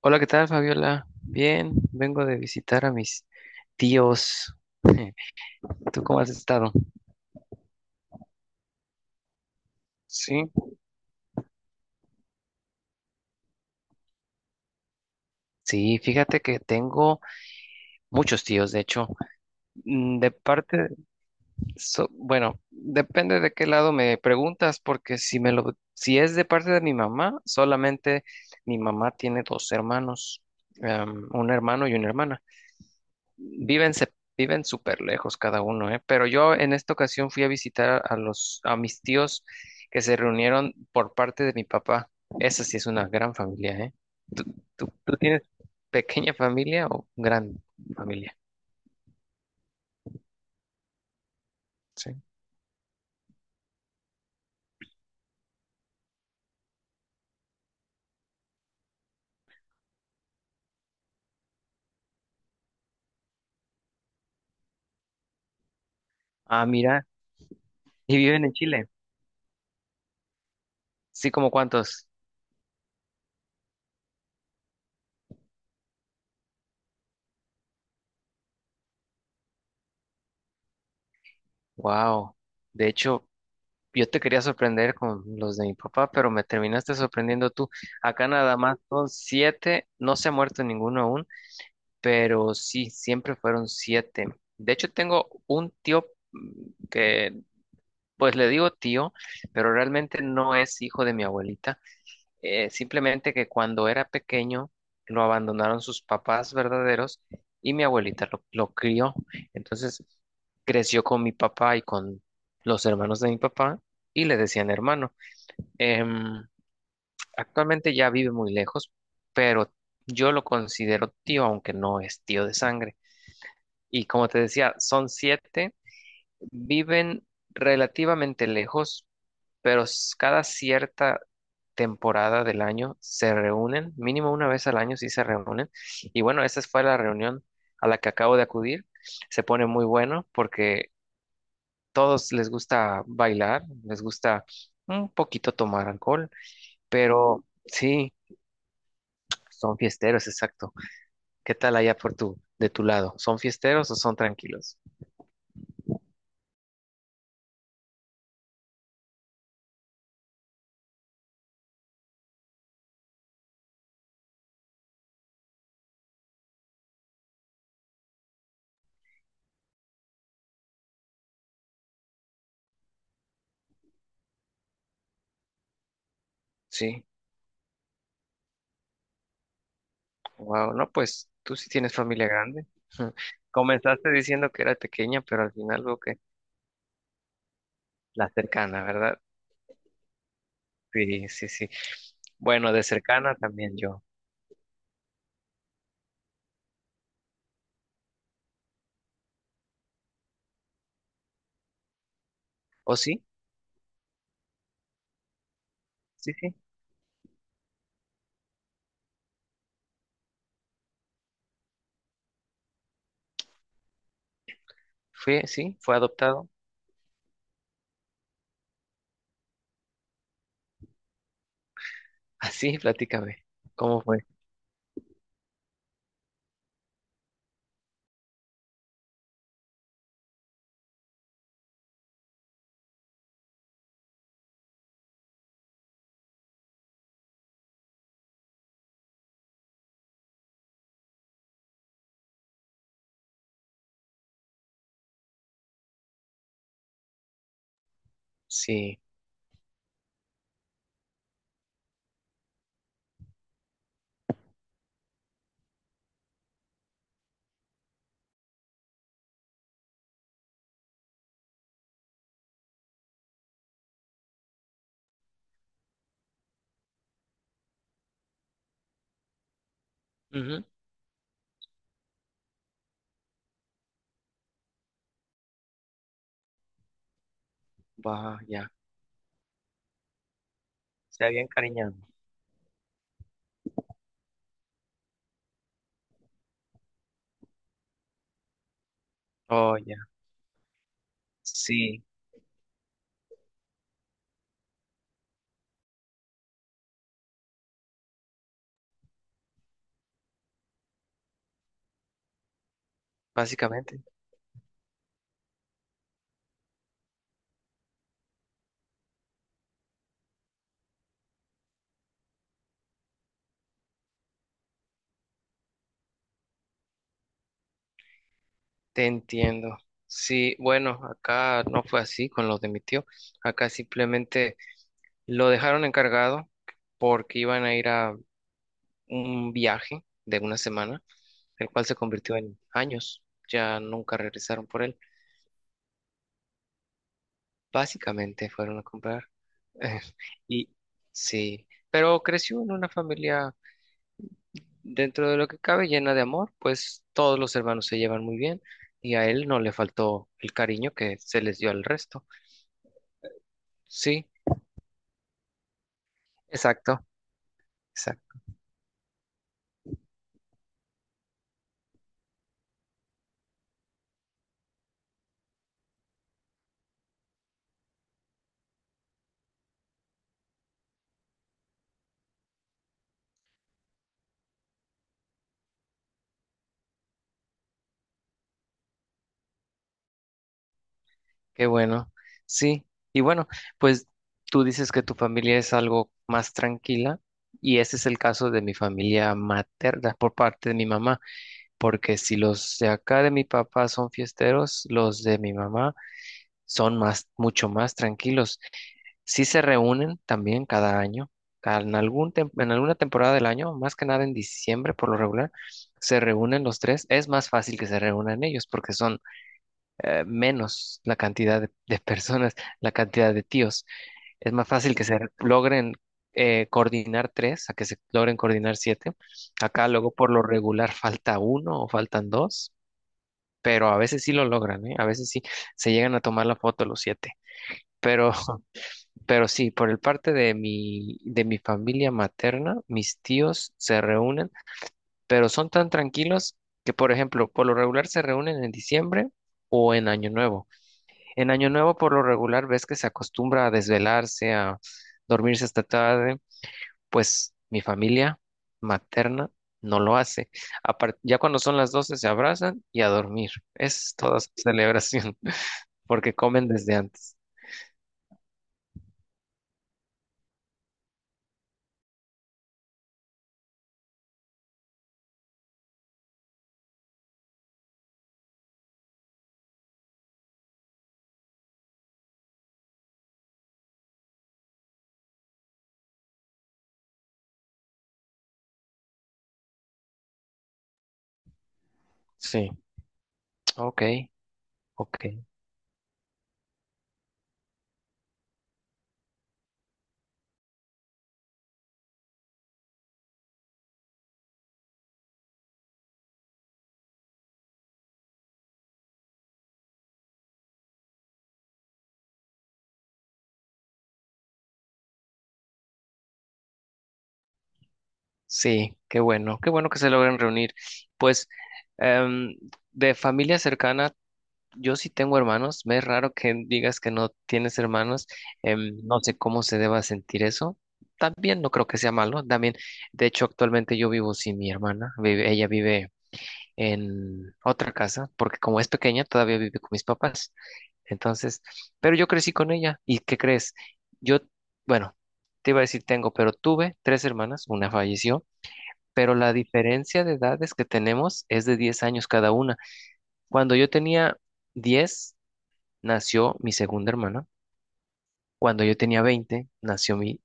Hola, ¿qué tal, Fabiola? Bien, vengo de visitar a mis tíos. ¿Tú cómo has estado? Sí, sí, fíjate que tengo muchos tíos, de hecho. De parte, bueno, depende de qué lado me preguntas, porque si es de parte de mi mamá, solamente mi mamá tiene dos hermanos, un hermano y una hermana. Viven súper lejos cada uno, ¿eh? Pero yo en esta ocasión fui a visitar a mis tíos que se reunieron por parte de mi papá. Esa sí es una gran familia, ¿eh? ¿Tú, tú tienes pequeña familia o gran familia? Sí. Ah, mira, y viven en Chile. Sí, ¿como cuántos? Wow. De hecho, yo te quería sorprender con los de mi papá, pero me terminaste sorprendiendo tú. Acá nada más son siete, no se ha muerto ninguno aún. Pero sí, siempre fueron siete. De hecho, tengo un tío mm, que, pues le digo tío, pero realmente no es hijo de mi abuelita. Simplemente que cuando era pequeño lo abandonaron sus papás verdaderos y mi abuelita lo crió. Entonces creció con mi papá y con los hermanos de mi papá y le decían hermano. Em, actualmente ya vive muy lejos, pero yo lo considero tío, aunque no es tío de sangre. Y como te decía, son siete, viven relativamente lejos, pero cada cierta temporada del año se reúnen, mínimo una vez al año sí se reúnen. Y bueno, esa fue la reunión a la que acabo de acudir. Se pone muy bueno porque todos les gusta bailar, les gusta un poquito tomar alcohol, pero sí, son fiesteros, exacto. ¿Qué tal allá por tu, de tu lado? ¿Son fiesteros o son tranquilos? Sí. Wow, no, pues tú sí tienes familia grande. Comenzaste diciendo que era pequeña, pero al final veo que la cercana, ¿verdad? Sí, sí, sí. Bueno, de cercana también yo. ¿O sí? Sí, sí. Fui, sí, fue adoptado. Así, platícame. ¿Cómo fue? Sí. Ujú. Va, ya. Se había encariñado. Oh, ya. Sí, básicamente. Te entiendo. Sí, bueno, acá no fue así con los de mi tío. Acá simplemente lo dejaron encargado porque iban a ir a un viaje de una semana, el cual se convirtió en años. Ya nunca regresaron por él. Básicamente fueron a comprar. Y sí, pero creció en una familia, dentro de lo que cabe, llena de amor. Pues todos los hermanos se llevan muy bien y a él no le faltó el cariño que se les dio al resto. Sí, exacto, exacto. Qué bueno, sí. Y bueno, pues tú dices que tu familia es algo más tranquila, y ese es el caso de mi familia materna, por parte de mi mamá, porque si los de acá de mi papá son fiesteros, los de mi mamá son más, mucho más tranquilos. Sí se reúnen también cada año, en alguna temporada del año, más que nada en diciembre por lo regular, se reúnen los tres. Es más fácil que se reúnan ellos porque son menos la cantidad de personas, la cantidad de tíos. Es más fácil que se logren coordinar tres a que se logren coordinar siete. Acá luego por lo regular falta uno o faltan dos, pero a veces sí lo logran, ¿eh? A veces sí se llegan a tomar la foto los siete. Pero, pero sí, por el parte de mi, familia materna, mis tíos se reúnen, pero son tan tranquilos que, por ejemplo, por lo regular se reúnen en diciembre o en Año Nuevo. En Año Nuevo, por lo regular, ves que se acostumbra a desvelarse, a dormirse hasta tarde, pues mi familia materna no lo hace. Apar- ya cuando son las 12 se abrazan y a dormir. Es toda su celebración, porque comen desde antes. Sí, ok, ok. Sí, qué bueno que se logren reunir. Pues em, de familia cercana, yo sí tengo hermanos, me es raro que digas que no tienes hermanos. No sé cómo se deba sentir eso, también no creo que sea malo, también. De hecho, actualmente yo vivo sin mi hermana, ella vive en otra casa, porque como es pequeña todavía vive con mis papás. Entonces, pero yo crecí con ella, ¿y qué crees? Yo, bueno, te iba a decir tengo, pero tuve tres hermanas, una falleció, pero la diferencia de edades que tenemos es de 10 años cada una. Cuando yo tenía 10 nació mi segunda hermana. Cuando yo tenía 20 nació mi,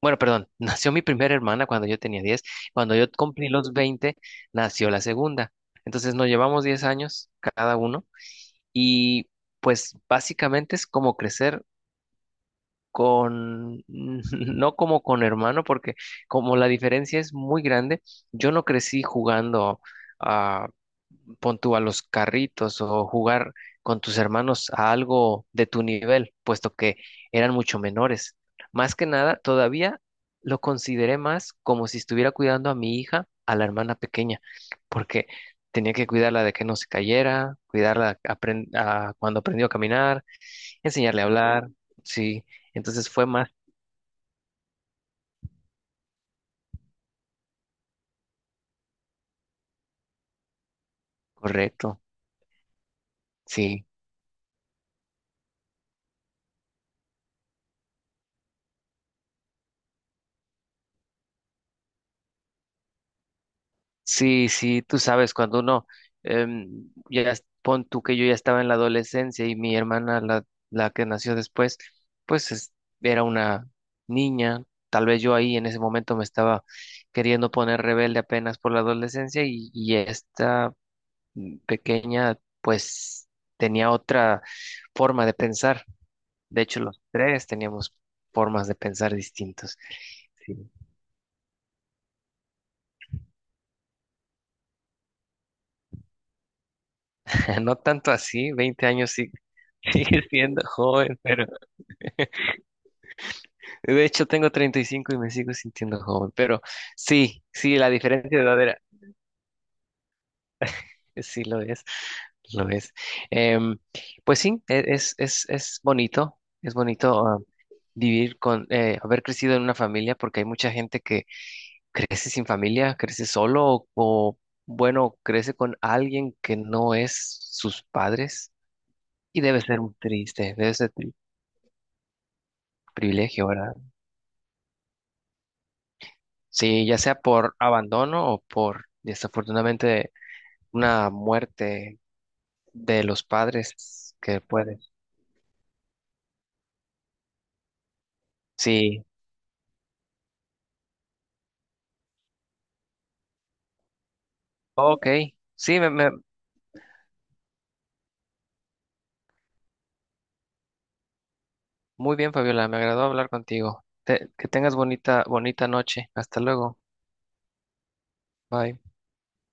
bueno, perdón, nació mi primera hermana cuando yo tenía 10. Cuando yo cumplí los 20 nació la segunda. Entonces nos llevamos 10 años cada uno, y pues básicamente es como crecer con, no como con hermano, porque como la diferencia es muy grande, yo no crecí jugando a, pon tú, a los carritos, o jugar con tus hermanos a algo de tu nivel, puesto que eran mucho menores. Más que nada, todavía lo consideré más como si estuviera cuidando a mi hija, a la hermana pequeña, porque tenía que cuidarla de que no se cayera, cuidarla cuando aprendió a caminar, enseñarle a hablar, sí. Entonces fue más correcto, sí. Sí, sí, tú sabes, cuando uno, ya pon tú que yo ya estaba en la adolescencia y mi hermana, la que nació después, pues era una niña. Tal vez yo ahí en ese momento me estaba queriendo poner rebelde apenas por la adolescencia, y, esta pequeña, pues tenía otra forma de pensar. De hecho, los tres teníamos formas de pensar distintas. Sí. No tanto así, 20 años sí, sigue siendo joven. Pero de hecho tengo 35 y cinco y me sigo sintiendo joven, pero sí, sí, la diferencia de edad era, sí lo es, lo es. Em, pues sí, es bonito, es bonito vivir haber crecido en una familia, porque hay mucha gente que crece sin familia, crece solo bueno, crece con alguien que no es sus padres, y debe ser un triste, debe ser privilegio, ¿verdad? Sí, ya sea por abandono o por, desafortunadamente, una muerte de los padres que puede. Sí, ok. Sí, muy bien, Fabiola, me agradó hablar contigo. Que tengas bonita, bonita noche. Hasta luego. Bye.